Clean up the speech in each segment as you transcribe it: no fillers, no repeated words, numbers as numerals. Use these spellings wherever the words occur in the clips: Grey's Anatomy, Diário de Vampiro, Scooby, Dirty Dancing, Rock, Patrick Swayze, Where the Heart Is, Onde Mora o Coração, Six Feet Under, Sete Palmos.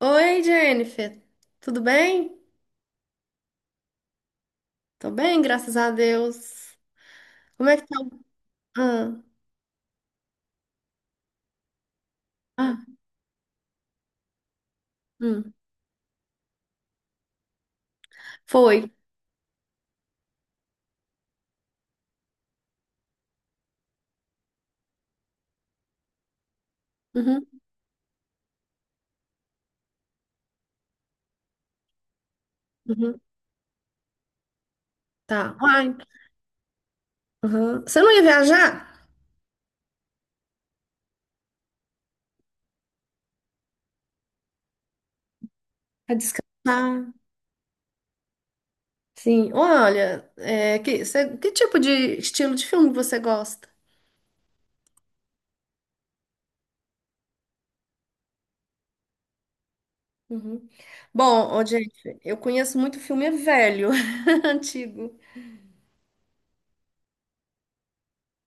Oi, Jennifer. Tudo bem? Tô bem, graças a Deus. Como é que tá? Ah, ah, hum. Foi. Uhum, uhum. Tá. Uai. Uhum. Você não ia viajar? Pra descansar. Sim. Olha, que tipo de estilo de filme você gosta? Uhum. Bom, ô, Jennifer, eu conheço muito filme velho, antigo.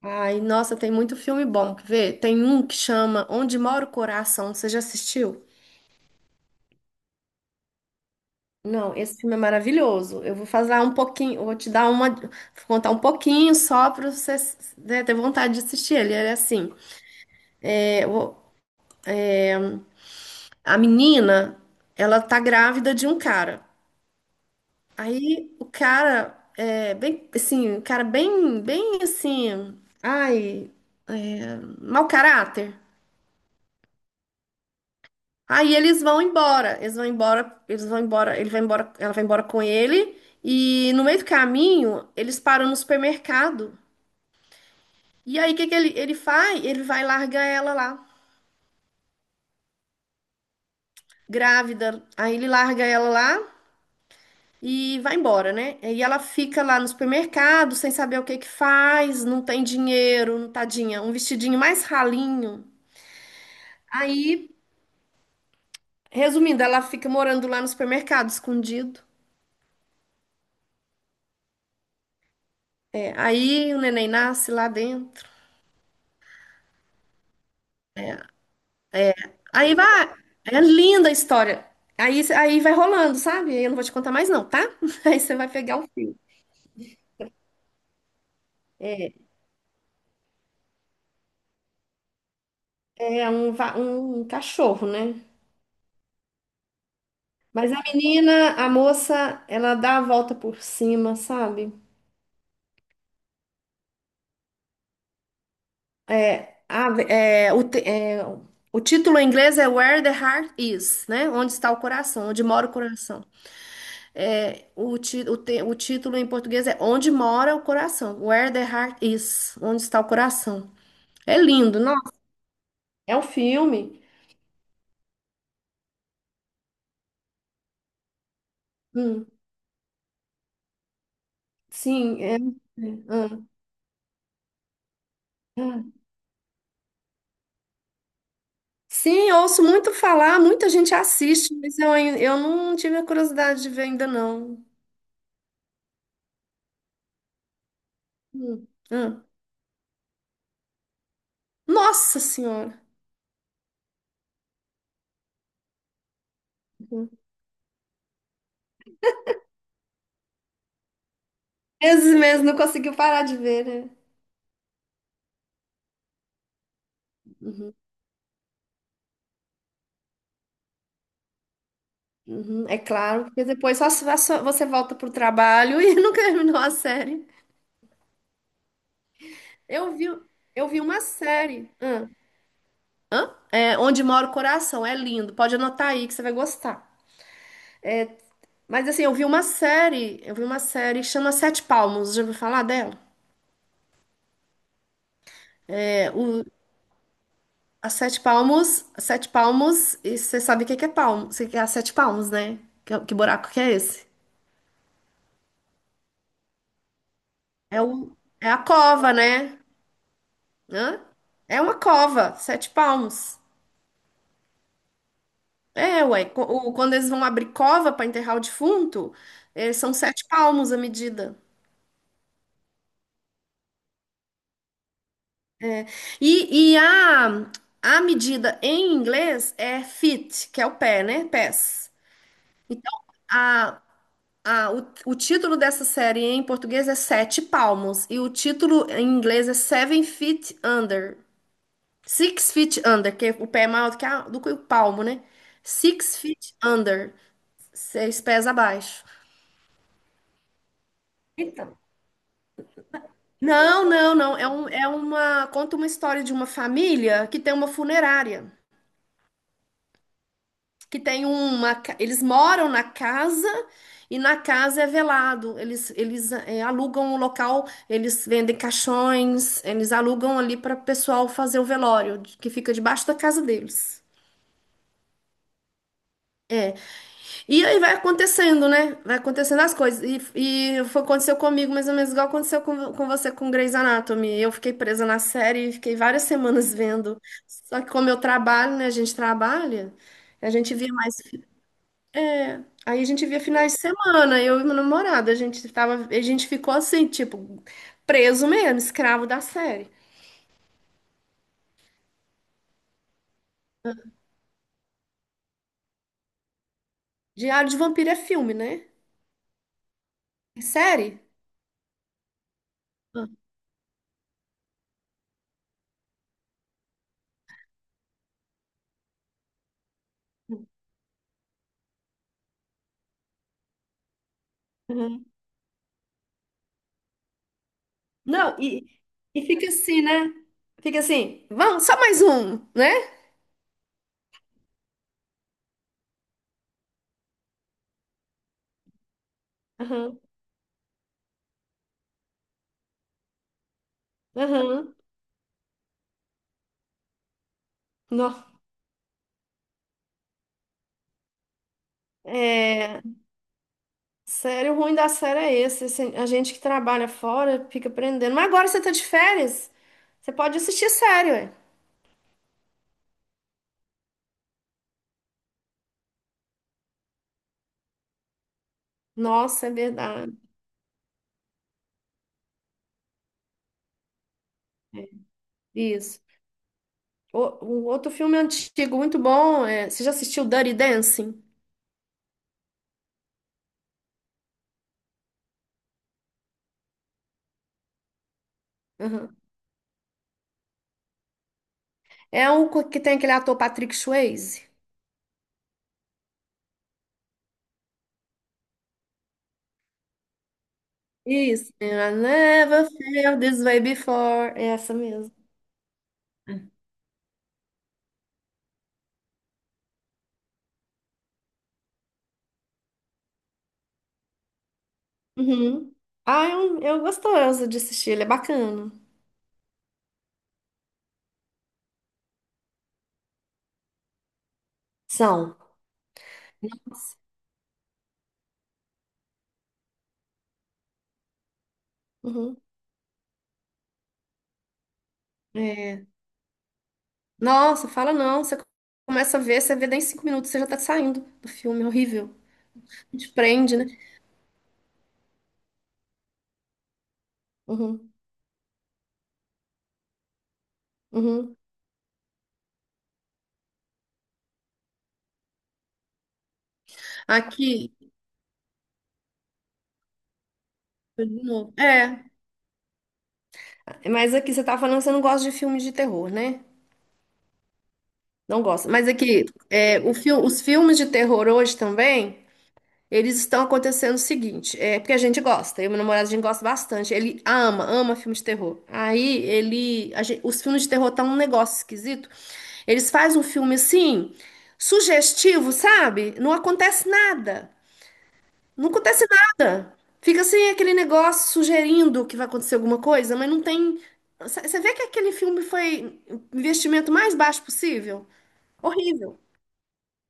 Ai, nossa, tem muito filme bom. Quer ver? Tem um que chama Onde Mora o Coração. Você já assistiu? Não, esse filme é maravilhoso. Eu vou fazer um pouquinho, vou te dar uma, vou contar um pouquinho só para você, né, ter vontade de assistir ele. Ele é assim, é, o- a menina, ela tá grávida de um cara. Aí o cara é bem, assim, um cara bem, bem assim, ai, é, mau caráter. Aí eles vão embora, eles vão embora, eles vão embora, ele vai embora, ela vai embora com ele. E no meio do caminho, eles param no supermercado. E aí, o que que ele faz? Ele vai largar ela lá, grávida. Aí ele larga ela lá e vai embora, né? E ela fica lá no supermercado, sem saber o que que faz, não tem dinheiro, não tadinha, um vestidinho mais ralinho. Aí, resumindo, ela fica morando lá no supermercado, escondido. É, aí o neném nasce lá dentro. Aí vai, é linda a história. Aí vai rolando, sabe? Aí eu não vou te contar mais não, tá? Aí você vai pegar o fio. É um, um cachorro, né? Mas a menina, a moça, ela dá a volta por cima, sabe? É, a- é, o, te- é, o título em inglês é Where the Heart Is, né? Onde está o coração, onde mora o coração. É, o, ti, o, te- o título em português é Onde mora o coração. Where the Heart Is, onde está o coração. É lindo, nossa. É um filme. Hum, sim, é. é, hum, hum. Sim, eu ouço muito falar, muita gente assiste, mas eu não tive a curiosidade de ver ainda não. Hum. Ah. Nossa Senhora! Uhum. 13 meses não conseguiu parar de ver, né? Uhum, uhum, é claro, porque depois só, só você volta pro trabalho e não terminou a série. Eu vi, eu vi uma série. Hã? Hã? É, Onde Mora o Coração, é lindo. Pode anotar aí que você vai gostar. Mas assim, eu vi uma série que chama Sete Palmos. Já ouviu falar dela? É, o, a Sete Palmos, e você sabe o que que é palmo? Você quer a Sete Palmos, né? Que buraco que é esse? É, um, é a cova, né? Hã? É uma cova, sete palmos. É, ué. Quando eles vão abrir cova para enterrar o defunto, são sete palmos a medida. E, e a, a medida em inglês é feet, que é o pé, né? Pés. Então, a, o título dessa série em português é Sete Palmos. E o título em inglês é Seven Feet Under. Six feet under, que é o pé é maior do que, do que o palmo, né? Six feet under, seis pés abaixo. Então, não, não, não. É, um, é uma. Conta uma história de uma família que tem uma funerária. Que tem uma. Ca- Eles moram na casa e na casa é velado. Eles é, alugam o local, eles vendem caixões, eles alugam ali para o pessoal fazer o velório, que fica debaixo da casa deles. É. E aí vai acontecendo, né? Vai acontecendo as coisas. E aconteceu comigo mais ou menos igual aconteceu com você com Grey's Anatomy. Eu fiquei presa na série e fiquei várias semanas vendo. Só que como eu trabalho, né? A gente trabalha, a gente via mais. É, aí a gente via finais de semana, eu e meu namorado. A gente ficou assim, tipo, preso mesmo, escravo da série. Diário de Vampiro é filme, né? É série? Ah. Não, e fica assim, né? Fica assim, vamos, só mais um, né? Aham, aham. Nó. É, sério, o ruim da série é esse, assim, a gente que trabalha fora fica aprendendo. Mas agora você tá de férias, você pode assistir sério, ué. Nossa, é verdade. Isso. O outro filme antigo, muito bom, é, você já assistiu Dirty Dancing? Aham. É um que tem aquele ator Patrick Swayze. Isso. And I never felt this way before. É essa mesmo. Uhum. Ah, eu gostoso de assistir, ele é bacana. São. Nossa. Uhum. É. Nossa, fala não. Você começa a ver, você vê daí em cinco minutos, você já tá saindo do filme, é horrível. A prende, né? Uhum. Uhum. Aqui, de novo. É, mas aqui você tá falando que você não gosta de filme de terror, né? Não gosta. Mas aqui, é, os filmes de terror hoje também. Eles estão acontecendo o seguinte, é porque a gente gosta, eu e meu namorado a gente gosta bastante. Ele ama, ama filme de terror. Aí ele, a gen- os filmes de terror estão um negócio esquisito. Eles fazem um filme assim, sugestivo, sabe? Não acontece nada. Não acontece nada. Fica assim aquele negócio sugerindo que vai acontecer alguma coisa, mas não tem. Você vê que aquele filme foi investimento mais baixo possível? Horrível.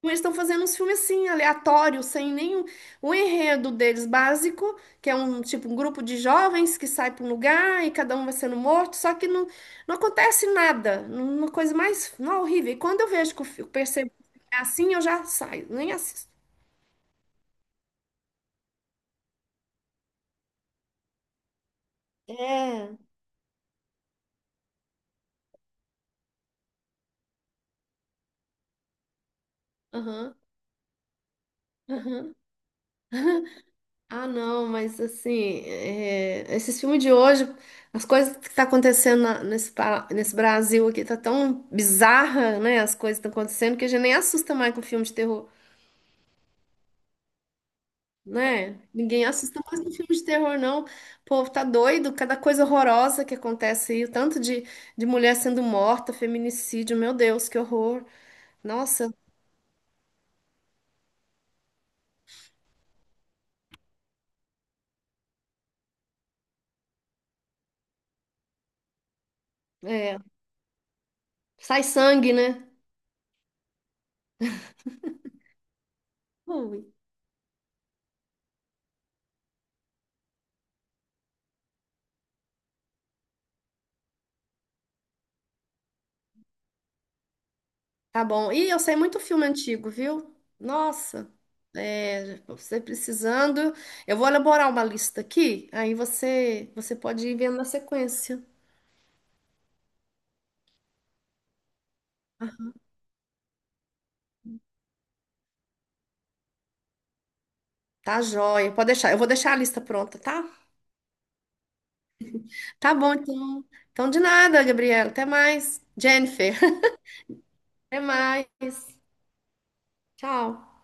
Mas estão fazendo uns filmes assim, aleatórios, sem nenhum. O enredo deles básico, que é um tipo um grupo de jovens que sai para um lugar e cada um vai sendo morto, só que não acontece nada. Uma coisa mais não, horrível. E quando eu vejo que percebo que é assim, eu já saio, nem assisto. É. Aham. Aham. Ah, não, mas assim, é, esses filmes de hoje, as coisas que tá acontecendo nesse, nesse Brasil aqui tá tão bizarra, né? As coisas estão acontecendo que a gente nem assusta mais com filme de terror, né? Ninguém assusta mais com filme de terror, não. O povo tá doido, cada coisa horrorosa que acontece aí, o tanto de mulher sendo morta, feminicídio, meu Deus, que horror. Nossa, é, sai sangue, né? Ui. Tá bom. Ih, eu sei muito filme antigo, viu? Nossa, é, você precisando. Eu vou elaborar uma lista aqui, aí você pode ir vendo na sequência. Tá joia, pode deixar. Eu vou deixar a lista pronta, tá? Tá bom, então. Então, de nada, Gabriela. Até mais. Jennifer, até mais. Tchau.